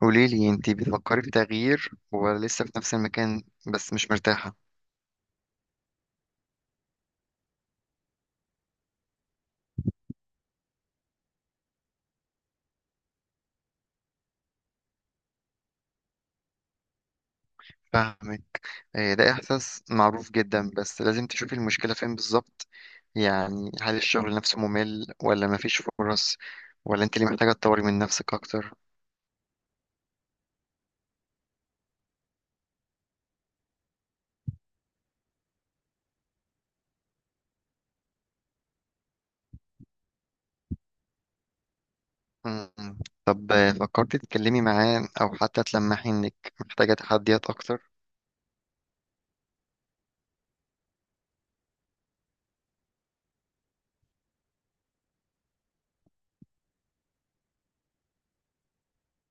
قوليلي انتي بتفكري في تغيير ولا لسه في نفس المكان بس مش مرتاحة؟ فاهمك. آه، ده إحساس معروف جدا، بس لازم تشوفي المشكلة فين بالظبط. يعني هل الشغل نفسه ممل ولا مفيش فرص، ولا انت اللي محتاجة تطوري من نفسك أكتر؟ مم. طب فكرتي تتكلمي معاه أو حتى تلمحي إنك محتاجة تحديات أكتر؟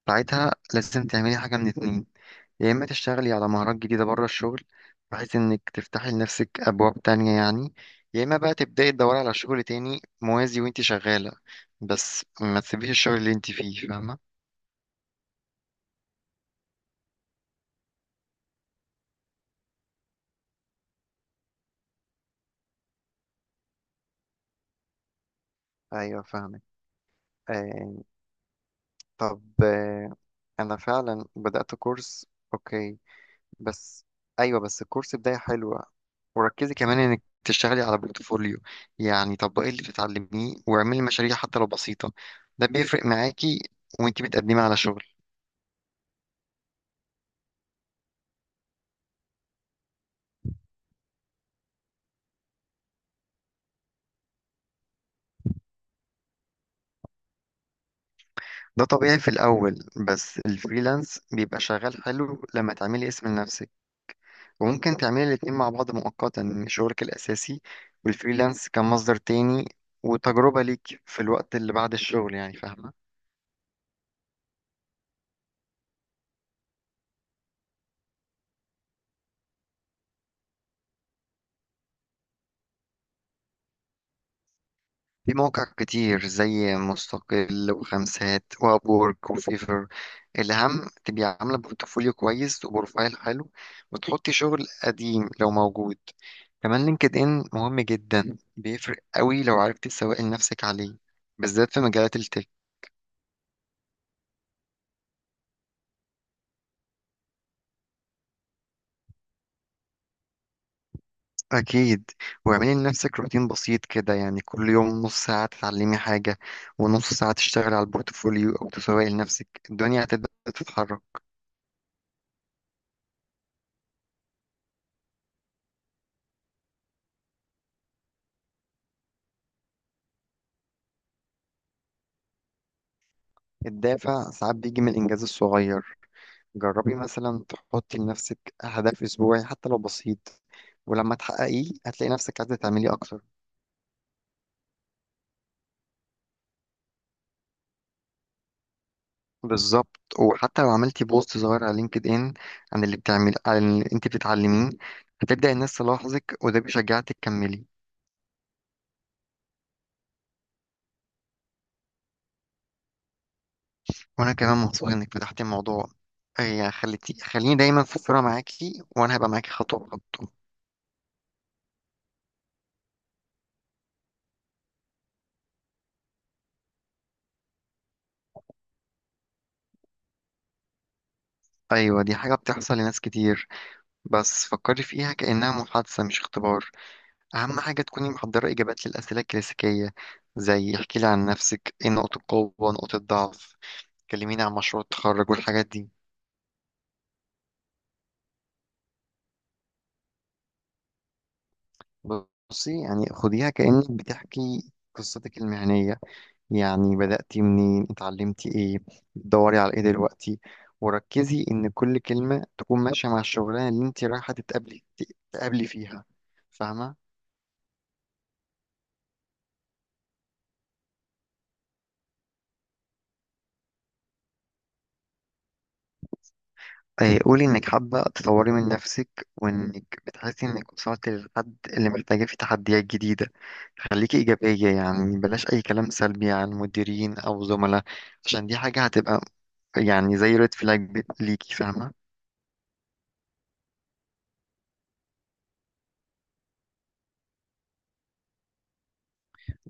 ساعتها لازم تعملي حاجة من اتنين: يا إما تشتغلي على مهارات جديدة بره الشغل، بحيث إنك تفتحي لنفسك أبواب تانية يعني، يا إما بقى تبدأي تدوري على شغل تاني موازي وإنتي شغالة، بس ما تسيبيش الشغل اللي إنتي فيه، فاهمة؟ ايوه فاهمك. آه. طب آه. انا فعلا بدأت كورس. اوكي. بس. ايوه، بس الكورس بداية حلوة. وركزي كمان إنك تشتغلي على بورتفوليو، يعني طبقي اللي بتتعلميه واعملي مشاريع حتى لو بسيطة، ده بيفرق معاكي وإنتي بتقدمي على شغل. ده طبيعي في الأول، بس الفريلانس بيبقى شغال حلو لما تعملي اسم لنفسك. وممكن تعملي الاتنين مع بعض مؤقتا، إن شغلك الأساسي والفريلانس كمصدر تاني وتجربة ليك في الوقت اللي بعد الشغل، يعني فاهمة. في مواقع كتير زي مستقل وخمسات وابورك وفيفر. الأهم تبقي عاملة بورتفوليو كويس وبروفايل حلو، وتحطي شغل قديم لو موجود. كمان لينكد ان مهم جدا، بيفرق قوي لو عرفت تسوقي لنفسك عليه، بالذات في مجالات التك. اكيد. واعملي لنفسك روتين بسيط كده، يعني كل يوم نص ساعه تتعلمي حاجه، ونص ساعه تشتغلي على البورتفوليو او تسوقي لنفسك، الدنيا هتبدا تتحرك. الدافع ساعات بيجي من الانجاز الصغير. جربي مثلا تحطي لنفسك هدف اسبوعي حتى لو بسيط، ولما تحققيه هتلاقي نفسك عايزه تعملي اكتر. بالظبط، وحتى لو عملتي بوست صغير على لينكد ان عن اللي بتعمل، عن اللي انت بتتعلميه، هتبدأ الناس تلاحظك، وده بيشجعك تكملي. وانا كمان مبسوط انك فتحتي الموضوع. اي خليني دايما في الصورة معاكي، وانا هبقى معاكي خطوة بخطوة. ايوه، دي حاجة بتحصل لناس كتير، بس فكري فيها كأنها محادثة مش اختبار. اهم حاجة تكوني محضرة اجابات للأسئلة الكلاسيكية، زي احكي لي عن نفسك، ايه نقط القوة، نقط الضعف، كلميني عن مشروع التخرج والحاجات دي. بصي، يعني خديها كأنك بتحكي قصتك المهنية، يعني بدأتي منين، اتعلمتي ايه، بتدوري على ايه دلوقتي. وركزي ان كل كلمة تكون ماشية مع الشغلانة اللي انت رايحة تقابلي فيها، فاهمة؟ إيه، قولي انك حابة تطوري من نفسك، وانك بتحسي انك وصلت للحد اللي محتاجة فيه تحديات جديدة. خليكي إيجابية، يعني بلاش أي كلام سلبي عن مديرين أو زملاء، عشان دي حاجة هتبقى يعني زي ريد فلاج ليكي، فاهمة.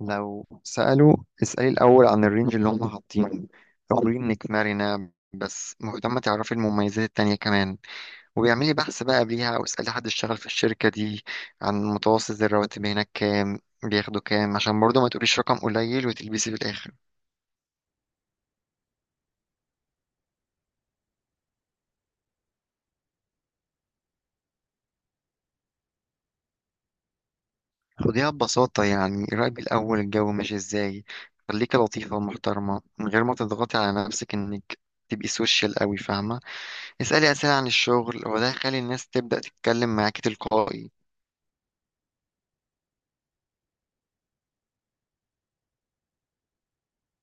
لو سألوا، اسألي الأول عن الرينج اللي هم حاطينه. اقولي إنك مرنة بس مهتمة تعرفي المميزات التانية كمان. وبيعملي بحث بقى قبليها، واسألي حد اشتغل في الشركة دي عن متوسط الرواتب هناك، كام بياخدوا كام، عشان برضه ما تقوليش رقم قليل وتلبسي في الآخر. خديها ببساطة، يعني راقبي الأول الجو ماشي ازاي. خليكي لطيفة ومحترمة من غير ما تضغطي على نفسك إنك تبقي سوشيال قوي، فاهمة. اسألي أسئلة عن الشغل، وده هيخلي الناس تبدأ تتكلم معاكي تلقائي.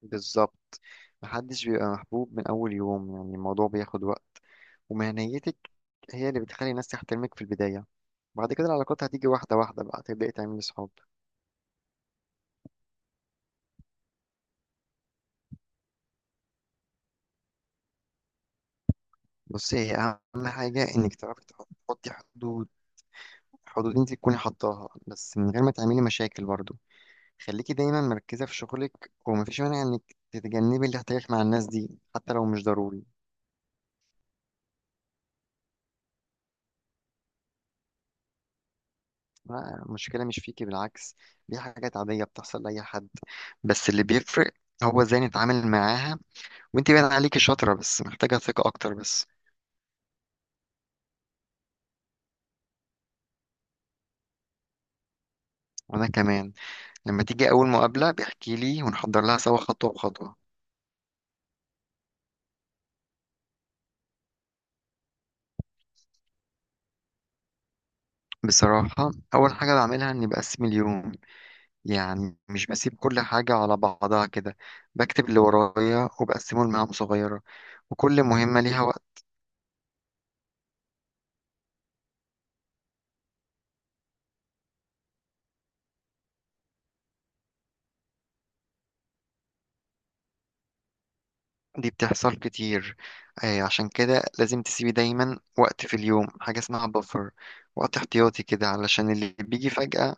بالظبط. محدش بيبقى محبوب من أول يوم، يعني الموضوع بياخد وقت. ومهنيتك هي اللي بتخلي الناس تحترمك في البداية، بعد كده العلاقات هتيجي واحدة واحدة، بقى تبدأي تعملي صحاب. بصي، هي أهم حاجة إنك تعرفي تحطي حدود، حدود أنت تكوني حطاها، بس من غير ما تعملي مشاكل برضو. خليكي دايما مركزة في شغلك، ومفيش مانع إنك تتجنبي الاحتكاك مع الناس دي، حتى لو مش ضروري. لا، المشكلة مش فيكي، بالعكس، دي حاجات عادية بتحصل لأي حد. بس اللي بيفرق هو ازاي نتعامل معاها، وانت باين عليكي شاطرة، بس محتاجة ثقة أكتر بس. وأنا كمان. لما تيجي أول مقابلة بيحكي لي ونحضر لها سوا خطوة بخطوة. بصراحة أول حاجة بعملها إني بقسم اليوم، يعني مش بسيب كل حاجة على بعضها كده. بكتب اللي ورايا وبقسمه لمهام صغيرة، وكل مهمة ليها وقت. دي بتحصل كتير. آه، عشان كده لازم تسيبي دايما وقت في اليوم، حاجة اسمها بفر، وقت احتياطي كده علشان اللي بيجي فجأة.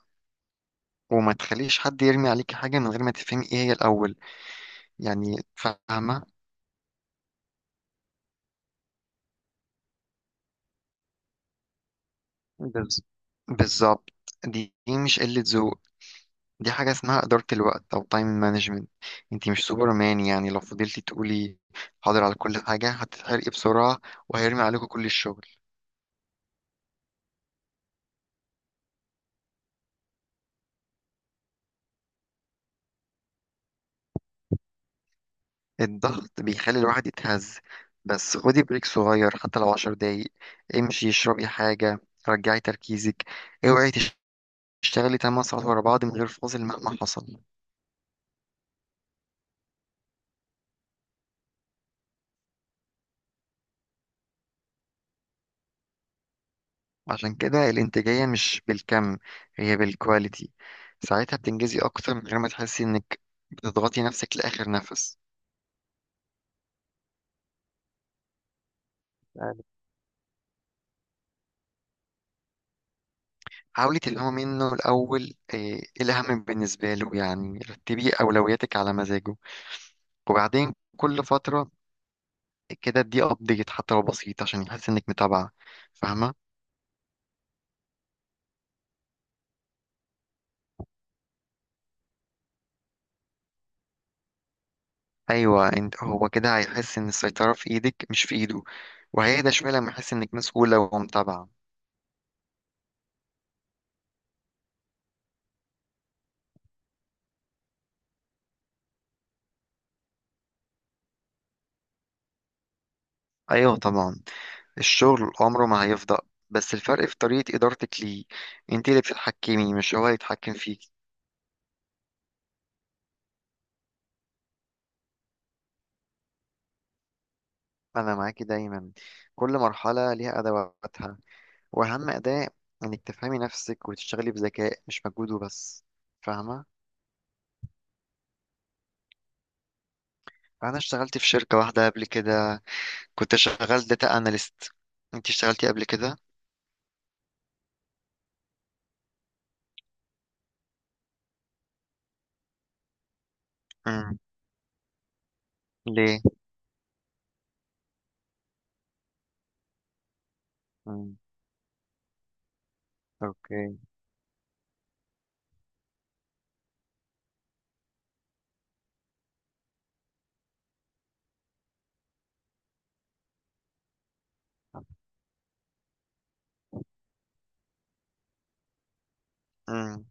وما تخليش حد يرمي عليكي حاجة من غير ما تفهمي ايه هي الأول، يعني فاهمة. بز- بالظبط. دي مش قلة ذوق، دي حاجة اسمها إدارة الوقت أو تايم مانجمنت. انتي مش سوبرمان، يعني لو فضلتي تقولي حاضر على كل حاجة هتتحرقي بسرعة، وهيرمي عليكم كل الشغل. الضغط بيخلي الواحد يتهز، بس خدي بريك صغير حتى لو عشر دقايق. امشي، اشربي حاجة، رجعي تركيزك. اوعي تشتغلي 8 ساعات ورا بعض من غير فاصل مهما حصل. عشان كده الانتاجية مش بالكم، هي بالكواليتي. ساعتها بتنجزي أكتر من غير ما تحسي إنك بتضغطي نفسك لآخر نفس. يعني حاولي تلهمي منه الأول إيه الأهم بالنسبة له، يعني رتبي أولوياتك على مزاجه. وبعدين كل فترة كده دي أبديت حتى لو بسيط، عشان يحس إنك متابعة، فاهمة؟ أيوة، انت هو كده هيحس إن السيطرة في إيدك مش في إيده، وهيهدى شوية لما يحس إنك مسؤولة ومتابعة. أيوة طبعا. الشغل عمره ما هيفضى، بس الفرق في طريقة إدارتك ليه، انت اللي بتتحكمي مش هو يتحكم فيك. أنا معاكي دايما. كل مرحلة ليها أدواتها، وأهم أداة إنك تفهمي نفسك وتشتغلي بذكاء، مش مجهود وبس، فاهمة؟ أنا اشتغلت في شركة واحدة قبل كده، كنت شغال داتا أناليست. انت اشتغلتي قبل كده؟ امم. ليه؟ امم. اوكي. امم.